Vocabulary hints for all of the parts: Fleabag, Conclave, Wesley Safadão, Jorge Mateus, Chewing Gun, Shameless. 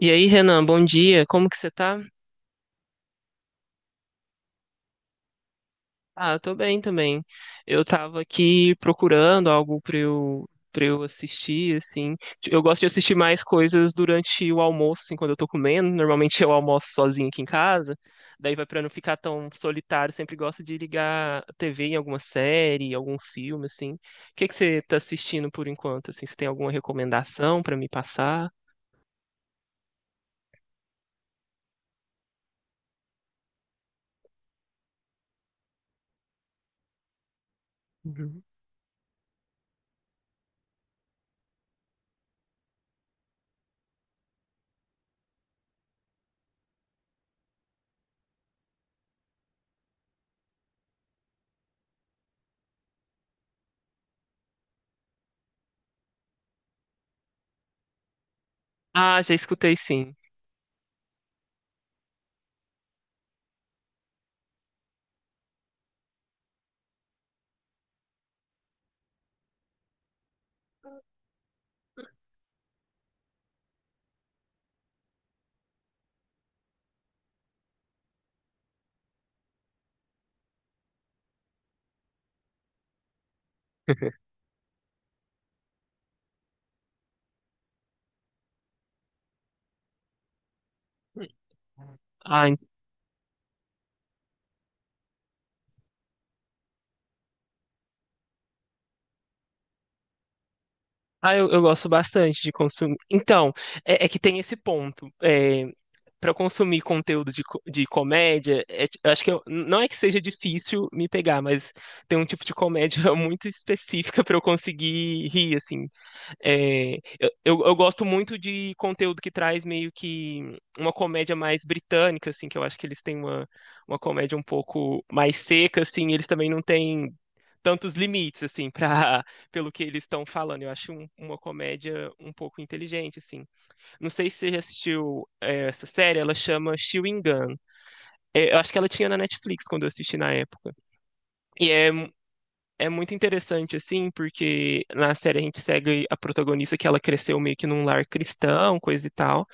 E aí, Renan, bom dia. Como que você tá? Ah, eu tô bem também. Eu tava aqui procurando algo pra eu assistir, assim. Eu gosto de assistir mais coisas durante o almoço, assim, quando eu tô comendo. Normalmente eu almoço sozinho aqui em casa. Daí vai pra não ficar tão solitário, sempre gosto de ligar a TV em alguma série, algum filme, assim. O que que você tá assistindo por enquanto, assim? Você tem alguma recomendação pra me passar? Uhum. Ah, já escutei sim. Ah, Ah, eu gosto bastante de consumir. Então, é que tem esse ponto. É, para consumir conteúdo de comédia, eu acho não é que seja difícil me pegar, mas tem um tipo de comédia muito específica para eu conseguir rir, assim. É, eu gosto muito de conteúdo que traz meio que uma comédia mais britânica, assim, que eu acho que eles têm uma comédia um pouco mais seca, assim, eles também não têm tantos limites, assim, pra, pelo que eles estão falando. Eu acho uma comédia um pouco inteligente, assim. Não sei se você já assistiu essa série, ela chama Chewing Gun. É, eu acho que ela tinha na Netflix quando eu assisti na época. E é, mu- é muito interessante, assim, porque na série a gente segue a protagonista que ela cresceu meio que num lar cristão, coisa e tal.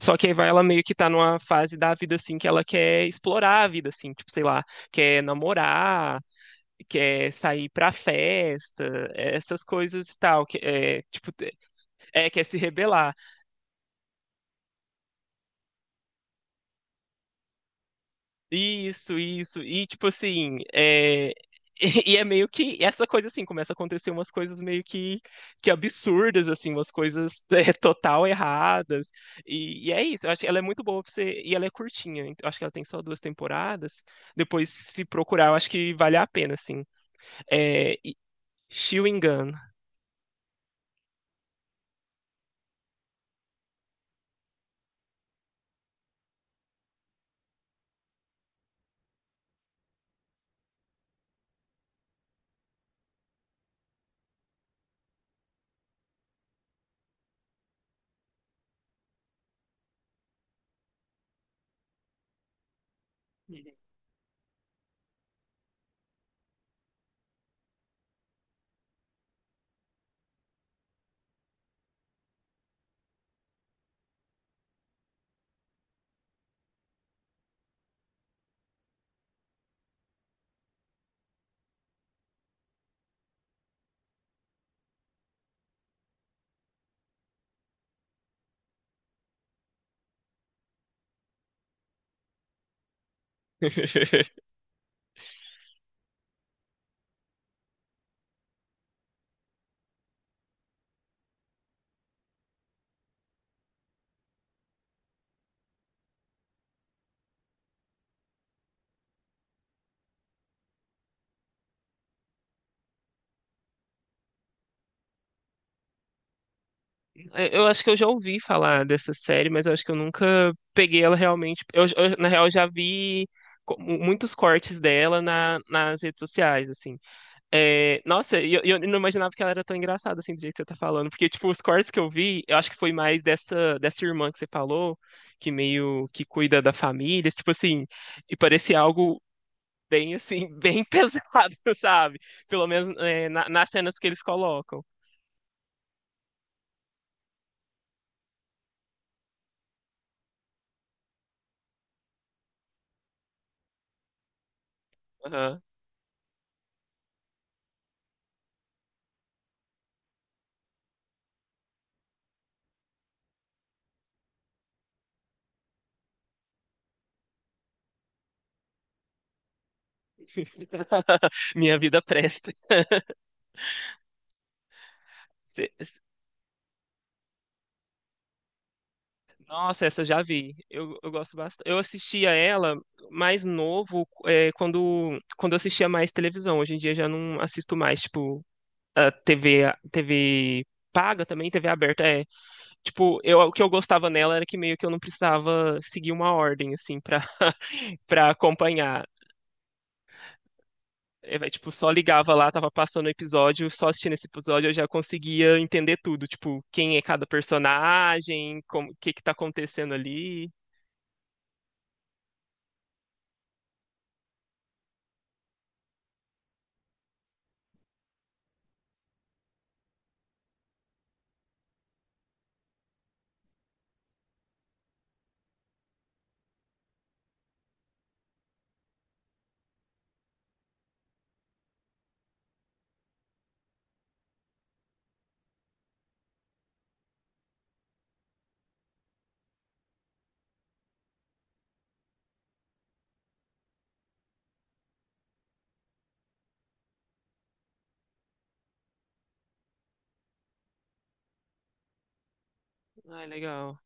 Só que aí vai ela meio que tá numa fase da vida, assim, que ela quer explorar a vida, assim, tipo, sei lá, quer namorar que é sair pra festa, essas coisas e tal, que é, tipo, é, quer se rebelar. Isso, e tipo assim, é, e é meio que essa coisa assim, começa a acontecer umas coisas meio que absurdas, assim, umas coisas é, total erradas. E é isso, eu acho que ela é muito boa pra você. E ela é curtinha, eu acho que ela tem só duas temporadas. Depois, se procurar, eu acho que vale a pena, assim. É, e- Chewing Gun. É, eu acho que eu já ouvi falar dessa série, mas eu acho que eu nunca peguei ela realmente. Na real, já vi muitos cortes dela nas redes sociais, assim. É, nossa, e eu não imaginava que ela era tão engraçada, assim, do jeito que você tá falando. Porque, tipo, os cortes que eu vi, eu acho que foi mais dessa irmã que você falou, que meio que cuida da família, tipo assim, e parecia algo bem, assim, bem pesado, sabe? Pelo menos, é, nas cenas que eles colocam. Minha vida presta. Cê- cê- Nossa, essa já vi. Eu gosto bastante. Eu assistia ela mais novo, é, quando eu assistia mais televisão. Hoje em dia já não assisto mais, tipo, a TV, TV paga também, TV aberta. É, tipo, eu, o que eu gostava nela era que meio que eu não precisava seguir uma ordem, assim, pra, pra acompanhar. É, vai, tipo, só ligava lá, tava passando o episódio, só assistindo esse episódio eu já conseguia entender tudo, tipo, quem é cada personagem, como, o que que tá acontecendo ali. Ah, legal.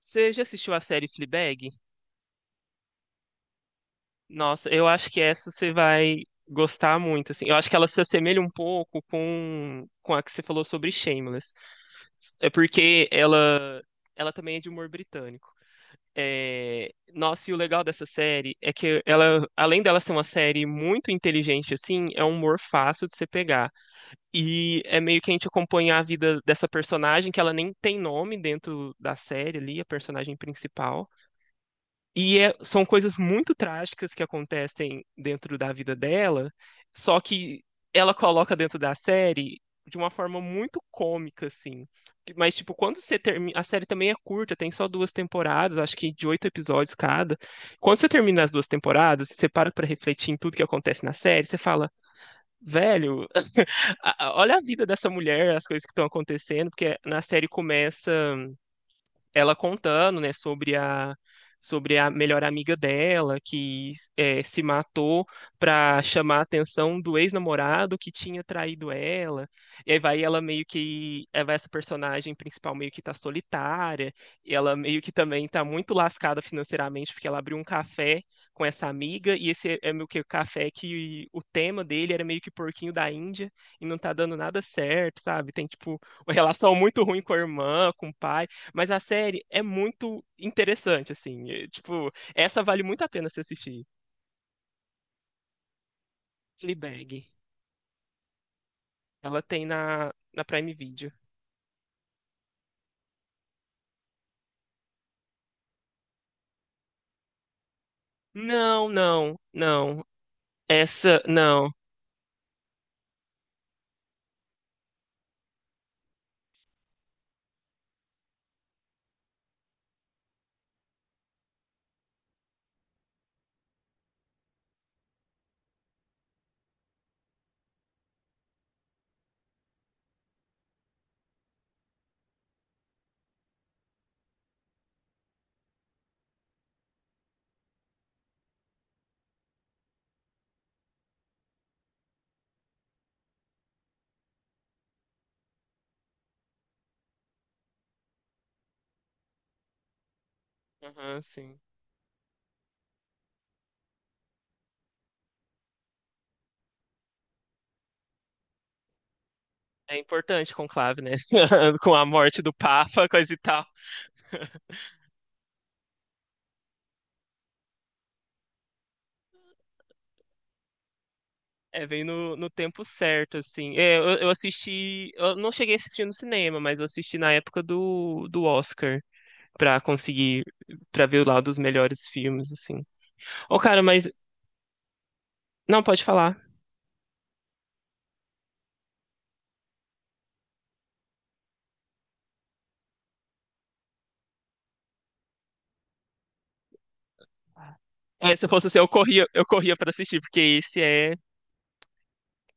Você já assistiu a série Fleabag? Nossa, eu acho que essa você vai gostar muito, assim. Eu acho que ela se assemelha um pouco com a que você falou sobre Shameless. É porque ela também é de humor britânico. É, nossa, e o legal dessa série é que ela, além dela ser uma série muito inteligente, assim, é um humor fácil de você pegar. E é meio que a gente acompanha a vida dessa personagem, que ela nem tem nome dentro da série ali, a personagem principal. São coisas muito trágicas que acontecem dentro da vida dela, só que ela coloca dentro da série de uma forma muito cômica, assim. Mas, tipo, quando você termina. A série também é curta, tem só duas temporadas, acho que de oito episódios cada. Quando você termina as duas temporadas, você para pra refletir em tudo que acontece na série, você fala, velho, olha a vida dessa mulher, as coisas que estão acontecendo, porque na série começa ela contando, né, sobre a melhor amiga dela que é, se matou para chamar a atenção do ex-namorado que tinha traído ela. E aí vai ela meio que aí vai essa personagem principal meio que tá solitária, e ela meio que também tá muito lascada financeiramente porque ela abriu um café com essa amiga e esse é meio que o café que o tema dele era meio que porquinho da Índia e não tá dando nada certo, sabe? Tem tipo uma relação muito ruim com a irmã, com o pai mas a série é muito interessante, assim. É, tipo, essa vale muito a pena se assistir. Fleabag. Ela tem na Prime Video. Não. Essa, não. Aham, sim. É importante conclave, né? Com a morte do Papa, coisa e tal. É, vem no tempo certo, assim. Eu assisti. Eu não cheguei a assistir no cinema, mas eu assisti na época do Oscar, pra conseguir, pra ver lá dos melhores filmes, assim. Ô, cara, mas. Não, pode falar. É, se eu fosse você, eu corria para assistir, porque esse é.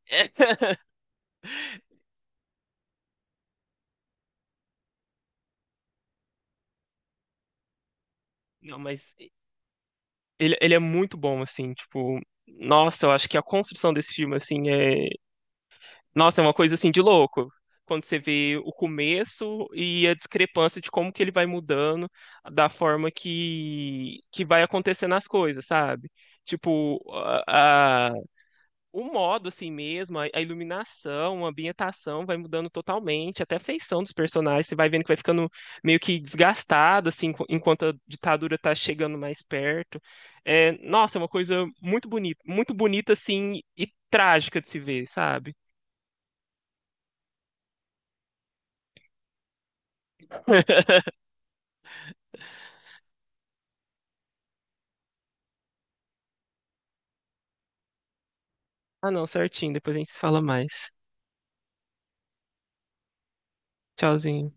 Não, mas ele é muito bom, assim, tipo. Nossa, eu acho que a construção desse filme, assim, é. Nossa, é uma coisa, assim, de louco. Quando você vê o começo e a discrepância de como que ele vai mudando, da forma que vai acontecendo as coisas, sabe? Tipo, o modo, assim mesmo, a iluminação, a ambientação vai mudando totalmente, até a feição dos personagens, você vai vendo que vai ficando meio que desgastado, assim, enquanto a ditadura tá chegando mais perto. É, nossa, é uma coisa muito bonita, assim, e trágica de se ver, sabe? Ah, não, certinho, depois a gente se fala mais. Tchauzinho.